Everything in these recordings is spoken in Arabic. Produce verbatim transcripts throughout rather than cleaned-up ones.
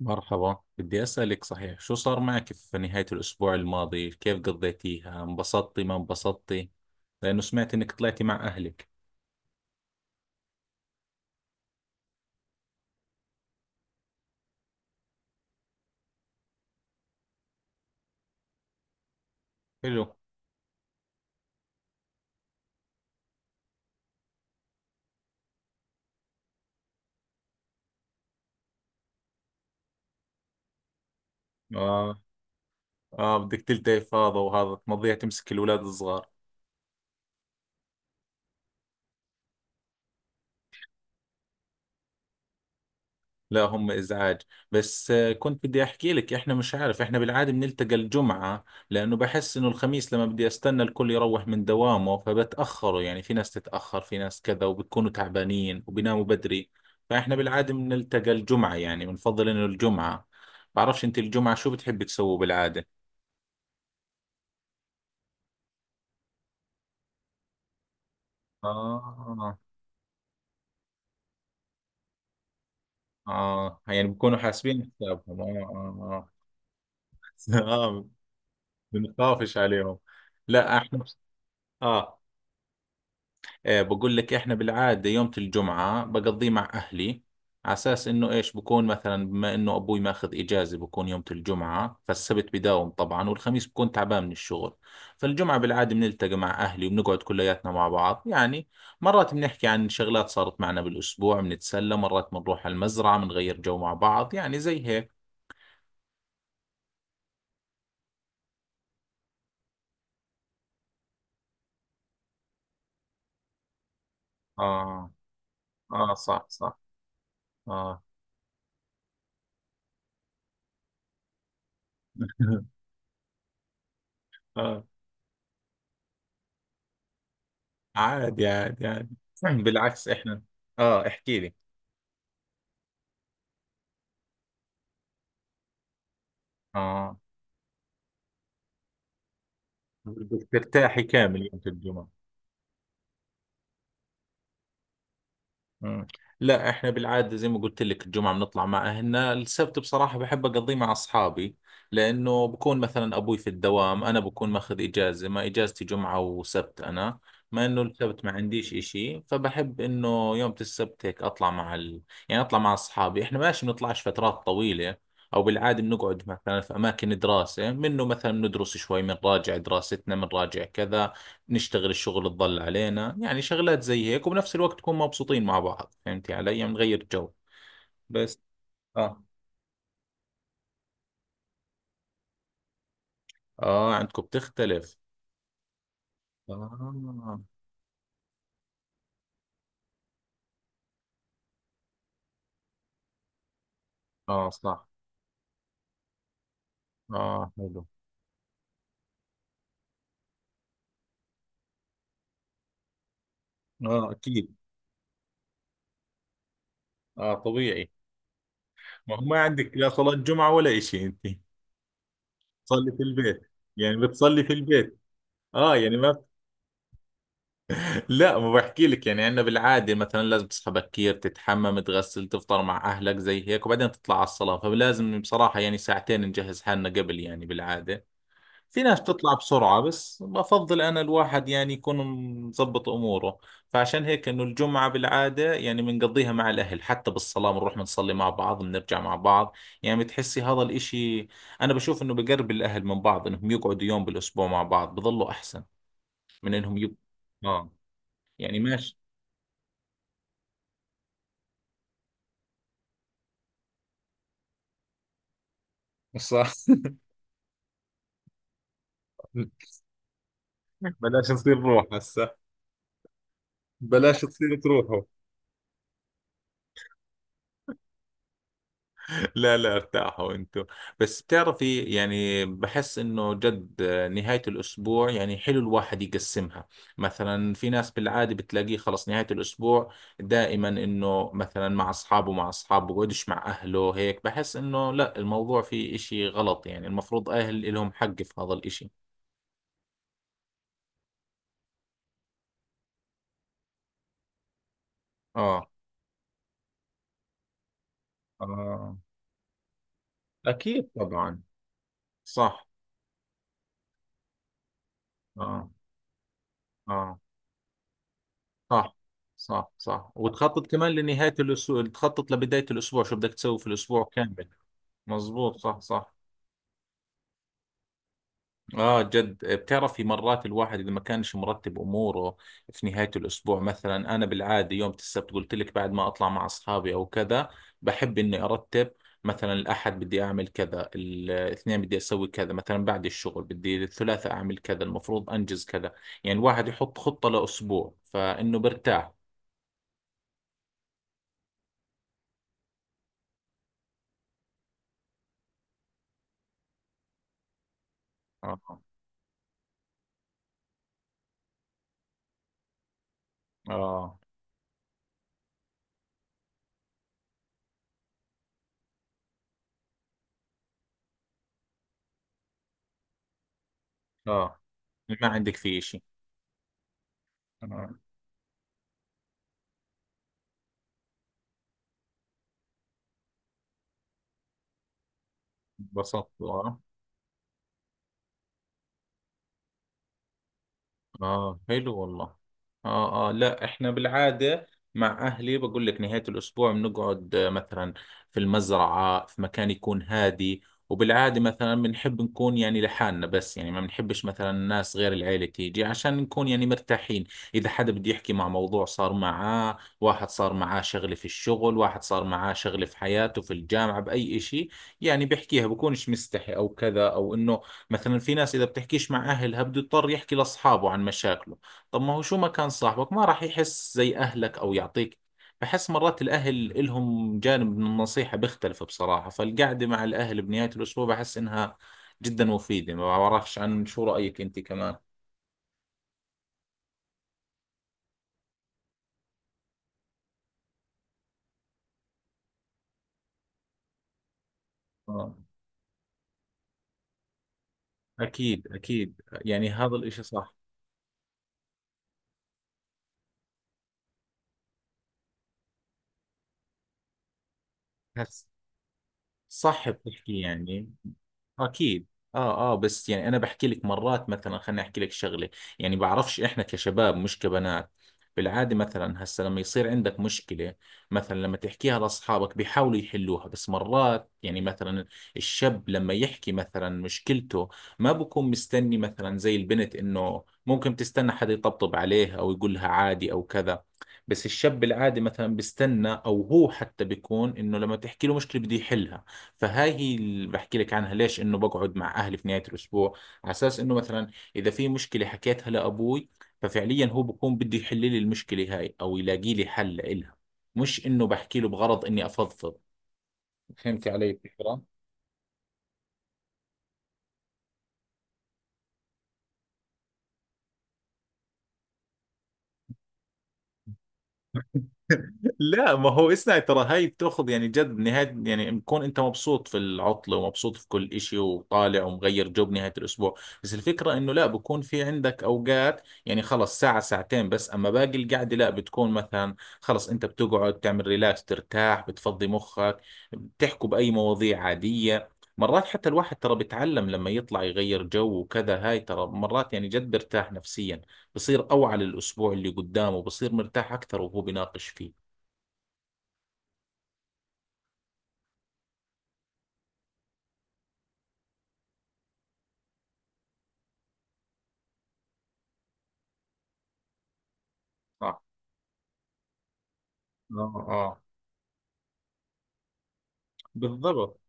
مرحبا، بدي أسألك صحيح شو صار معك في نهاية الأسبوع الماضي؟ كيف قضيتيها؟ انبسطتي ما انبسطتي؟ لأنه سمعت إنك طلعتي مع أهلك. حلو. آه. آه، بدك تلتقي فاضة وهذا تمضيها تمسك الأولاد الصغار. لا، هم ازعاج. بس آه، كنت بدي احكي لك، احنا مش عارف، احنا بالعاده بنلتقى الجمعه، لانه بحس انه الخميس لما بدي استنى الكل يروح من دوامه فبتاخروا، يعني في ناس تتاخر في ناس كذا، وبتكونوا تعبانين وبيناموا بدري. فاحنا بالعاده بنلتقى الجمعه، يعني بنفضل انه الجمعه. بعرفش انت الجمعه شو بتحب تسووا بالعاده؟ اه. اه، يعني بكونوا حاسبين حسابهم، اه. اه، اه، آه. بنخافش عليهم. لا احنا. اه. إيه، بقول لك احنا بالعادة يوم الجمعة بقضيه مع اهلي، على اساس انه ايش، بكون مثلا بما انه ابوي ماخذ اجازة بكون يوم الجمعة، فالسبت بداوم طبعا، والخميس بكون تعبان من الشغل. فالجمعة بالعادة بنلتقي مع اهلي وبنقعد كلياتنا مع بعض يعني. مرات بنحكي عن شغلات صارت معنا بالاسبوع، بنتسلى، مرات بنروح على المزرعة بنغير جو مع بعض، يعني زي هيك. اه. اه، صح صح. اه. اه. عادي عادي عادي. بالعكس احنا. اه، احكي لي. اه، بدك ترتاحي كامل يوم الجمعة. مم. لا احنا بالعادة زي ما قلت لك الجمعة بنطلع مع اهلنا، السبت بصراحة بحب اقضيه مع اصحابي، لانه بكون مثلا ابوي في الدوام، انا بكون ماخذ اجازة، ما اجازتي جمعة وسبت انا. ما انه السبت ما عنديش اشي، فبحب انه يوم السبت هيك اطلع مع ال... يعني اطلع مع اصحابي، احنا ماشي بنطلعش فترات طويلة. او بالعادة بنقعد مثلا في اماكن دراسة، منه مثلا بندرس شوي، بنراجع دراستنا، بنراجع كذا، نشتغل الشغل الضل علينا، يعني شغلات زي هيك، وبنفس الوقت نكون مبسوطين مع بعض. فهمتي علي؟ نغير جو بس. اه. اه، عندكم بتختلف. اه. اه، صح. اه، حلو. اه، اكيد. اه، طبيعي. ما هو ما عندك لا صلاة جمعة ولا اشي انت، تصلي في البيت، يعني بتصلي في البيت. اه يعني ما... لا، ما بحكي لك، يعني عندنا بالعادة مثلا لازم تصحى بكير، تتحمم، تغسل، تفطر مع اهلك زي هيك، وبعدين تطلع على الصلاة. فلازم بصراحة يعني ساعتين نجهز حالنا قبل، يعني بالعادة. في ناس بتطلع بسرعة، بس بفضل أنا الواحد يعني يكون مظبط أموره. فعشان هيك إنه الجمعة بالعادة يعني بنقضيها مع الأهل، حتى بالصلاة بنروح بنصلي مع بعض، بنرجع مع بعض. يعني بتحسي هذا الإشي، أنا بشوف إنه بقرب الأهل من بعض إنهم يقعدوا يوم بالأسبوع مع بعض، بظلوا أحسن من إنهم يب... آه، يعني ماشي. صح. بلاش تصير روح هسه. بلاش تصير تروحوا. لا لا، ارتاحوا انتوا. بس بتعرفي، يعني بحس انه جد آه، نهاية الاسبوع يعني حلو الواحد يقسمها. مثلا في ناس بالعادة بتلاقيه خلص نهاية الاسبوع دائما انه مثلا مع اصحابه، مع اصحابه بقعدش مع اهله هيك. بحس انه لا، الموضوع فيه اشي غلط، يعني المفروض اهل لهم حق في هذا الاشي. اه. آه، أكيد طبعا. صح. آه آه. صح صح صح. وتخطط كمان لنهاية الأسبوع، تخطط لبداية الأسبوع شو بدك تسوي في الأسبوع كامل. مظبوط، صح صح. آه جد، بتعرفي مرات الواحد إذا ما كانش مرتب أموره في نهاية الأسبوع، مثلا أنا بالعادة يوم السبت قلت لك بعد ما أطلع مع أصحابي أو كذا، بحب إني أرتب. مثلا الأحد بدي أعمل كذا، الاثنين بدي أسوي كذا، مثلا بعد الشغل بدي الثلاثاء أعمل كذا، المفروض أنجز كذا، يعني الواحد يحط خطة لأسبوع فإنه برتاح. آه. آه. اه، ما عندك فيه شيء. انا انبسطت، آه. اه، حلو والله. اه اه، لا احنا بالعادة مع اهلي، بقول لك نهاية الاسبوع بنقعد آه، مثلا في المزرعة، في مكان يكون هادي. وبالعادة مثلا بنحب نكون يعني لحالنا بس، يعني ما بنحبش مثلا الناس غير العيلة تيجي، عشان نكون يعني مرتاحين. اذا حدا بده يحكي مع موضوع صار معاه، واحد صار معاه شغلة في الشغل، واحد صار معاه شغلة في حياته، في الجامعة بأي اشي، يعني بيحكيها بكونش مستحي او كذا او انه. مثلا في ناس إذا بتحكيش مع أهلها بده يضطر يحكي لأصحابه عن مشاكله. طب ما هو، شو ما كان صاحبك ما راح يحس زي أهلك أو يعطيك. بحس مرات الأهل إلهم جانب من النصيحة بيختلف بصراحة. فالقعدة مع الأهل بنهاية الأسبوع بحس إنها جدا مفيدة. ما بعرفش عن شو رأيك أنت كمان. آه. أكيد أكيد، يعني هذا الإشي صح. هس- صح، بتحكي يعني. اكيد. اه اه، بس يعني انا بحكي لك مرات، مثلا خليني احكي لك شغله. يعني بعرفش احنا كشباب مش كبنات، بالعاده مثلا هسه لما يصير عندك مشكله، مثلا لما تحكيها لاصحابك بيحاولوا يحلوها. بس مرات يعني مثلا الشاب لما يحكي مثلا مشكلته ما بكون مستني مثلا زي البنت انه ممكن تستنى حدا يطبطب عليه او يقولها عادي او كذا. بس الشاب العادي مثلا بيستنى، او هو حتى بيكون انه لما تحكي له مشكله بده يحلها. فهاي هي اللي بحكي لك عنها، ليش انه بقعد مع اهلي في نهايه الاسبوع، على اساس انه مثلا اذا في مشكله حكيتها لابوي، ففعليا هو بكون بده يحل لي المشكله هاي او يلاقي لي حل لها، مش انه بحكي له بغرض اني افضفض. فهمتي علي الفكره؟ لا، ما هو اسمع، ترى هاي بتاخذ يعني جد نهاية، يعني بكون انت مبسوط في العطلة ومبسوط في كل اشي وطالع ومغير جو بنهاية الاسبوع. بس الفكرة انه لا، بكون في عندك اوقات، يعني خلص ساعة ساعتين بس، اما باقي القعدة لا، بتكون مثلا خلص انت بتقعد تعمل ريلاكس، ترتاح، بتفضي مخك، بتحكوا بأي مواضيع عادية. مرات حتى الواحد ترى بيتعلم لما يطلع يغير جو وكذا، هاي ترى مرات يعني جد بيرتاح نفسيا، بصير أوعى للأسبوع اللي قدامه، بصير مرتاح أكثر وهو بيناقش فيه. صح. اه اه، بالضبط.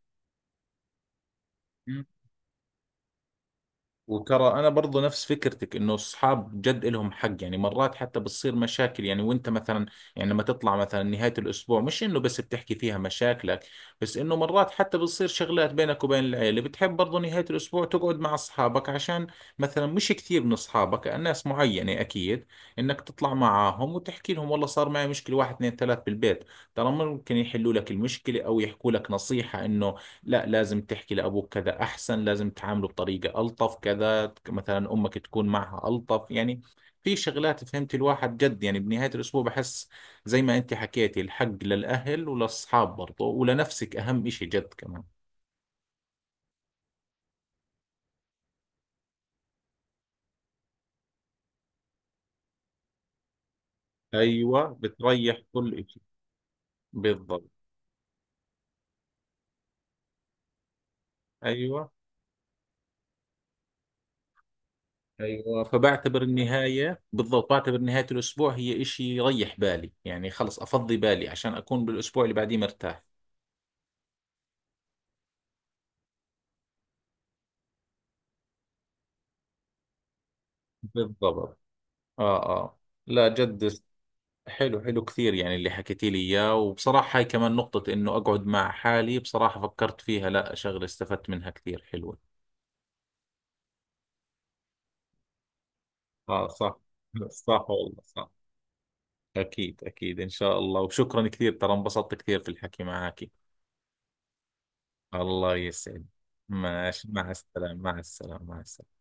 وترى انا برضو نفس فكرتك، انه الصحاب جد لهم حق. يعني مرات حتى بتصير مشاكل، يعني وانت مثلا يعني لما تطلع مثلا نهاية الاسبوع مش انه بس بتحكي فيها مشاكلك، بس انه مرات حتى بتصير شغلات بينك وبين العيلة، بتحب برضو نهاية الاسبوع تقعد مع اصحابك، عشان مثلا مش كثير من اصحابك، ناس معينة اكيد، انك تطلع معاهم وتحكي لهم، والله صار معي مشكلة واحد اثنين ثلاث بالبيت. ترى ممكن يحلوا لك المشكلة او يحكوا لك نصيحة انه لا لازم تحكي لأبوك كذا أحسن، لازم تعامله بطريقة ألطف كذا، مثلا أمك تكون معها ألطف، يعني في شغلات، فهمت الواحد جد يعني بنهاية الأسبوع بحس زي ما أنت حكيتي الحق للأهل وللأصحاب برضه ولنفسك، أهم إشي جد كمان. أيوة، بتريح كل إشي. بالضبط. أيوة أيوة، فبعتبر النهاية، بالضبط بعتبر نهاية الأسبوع هي إشي يريح بالي، يعني خلص أفضي بالي عشان أكون بالأسبوع اللي بعديه مرتاح. بالضبط. آه آه. لا جد، حلو حلو كثير يعني اللي حكيتي لي اياه. وبصراحة هاي كمان نقطة، انه اقعد مع حالي، بصراحة فكرت فيها لا، شغلة استفدت منها كثير، حلوة. اه صح. صح والله، صح. اكيد اكيد، ان شاء الله. وشكرا كثير، ترى انبسطت كثير في الحكي معك. الله يسعد. ماشي، مع السلامة، مع السلامة، مع السلامة.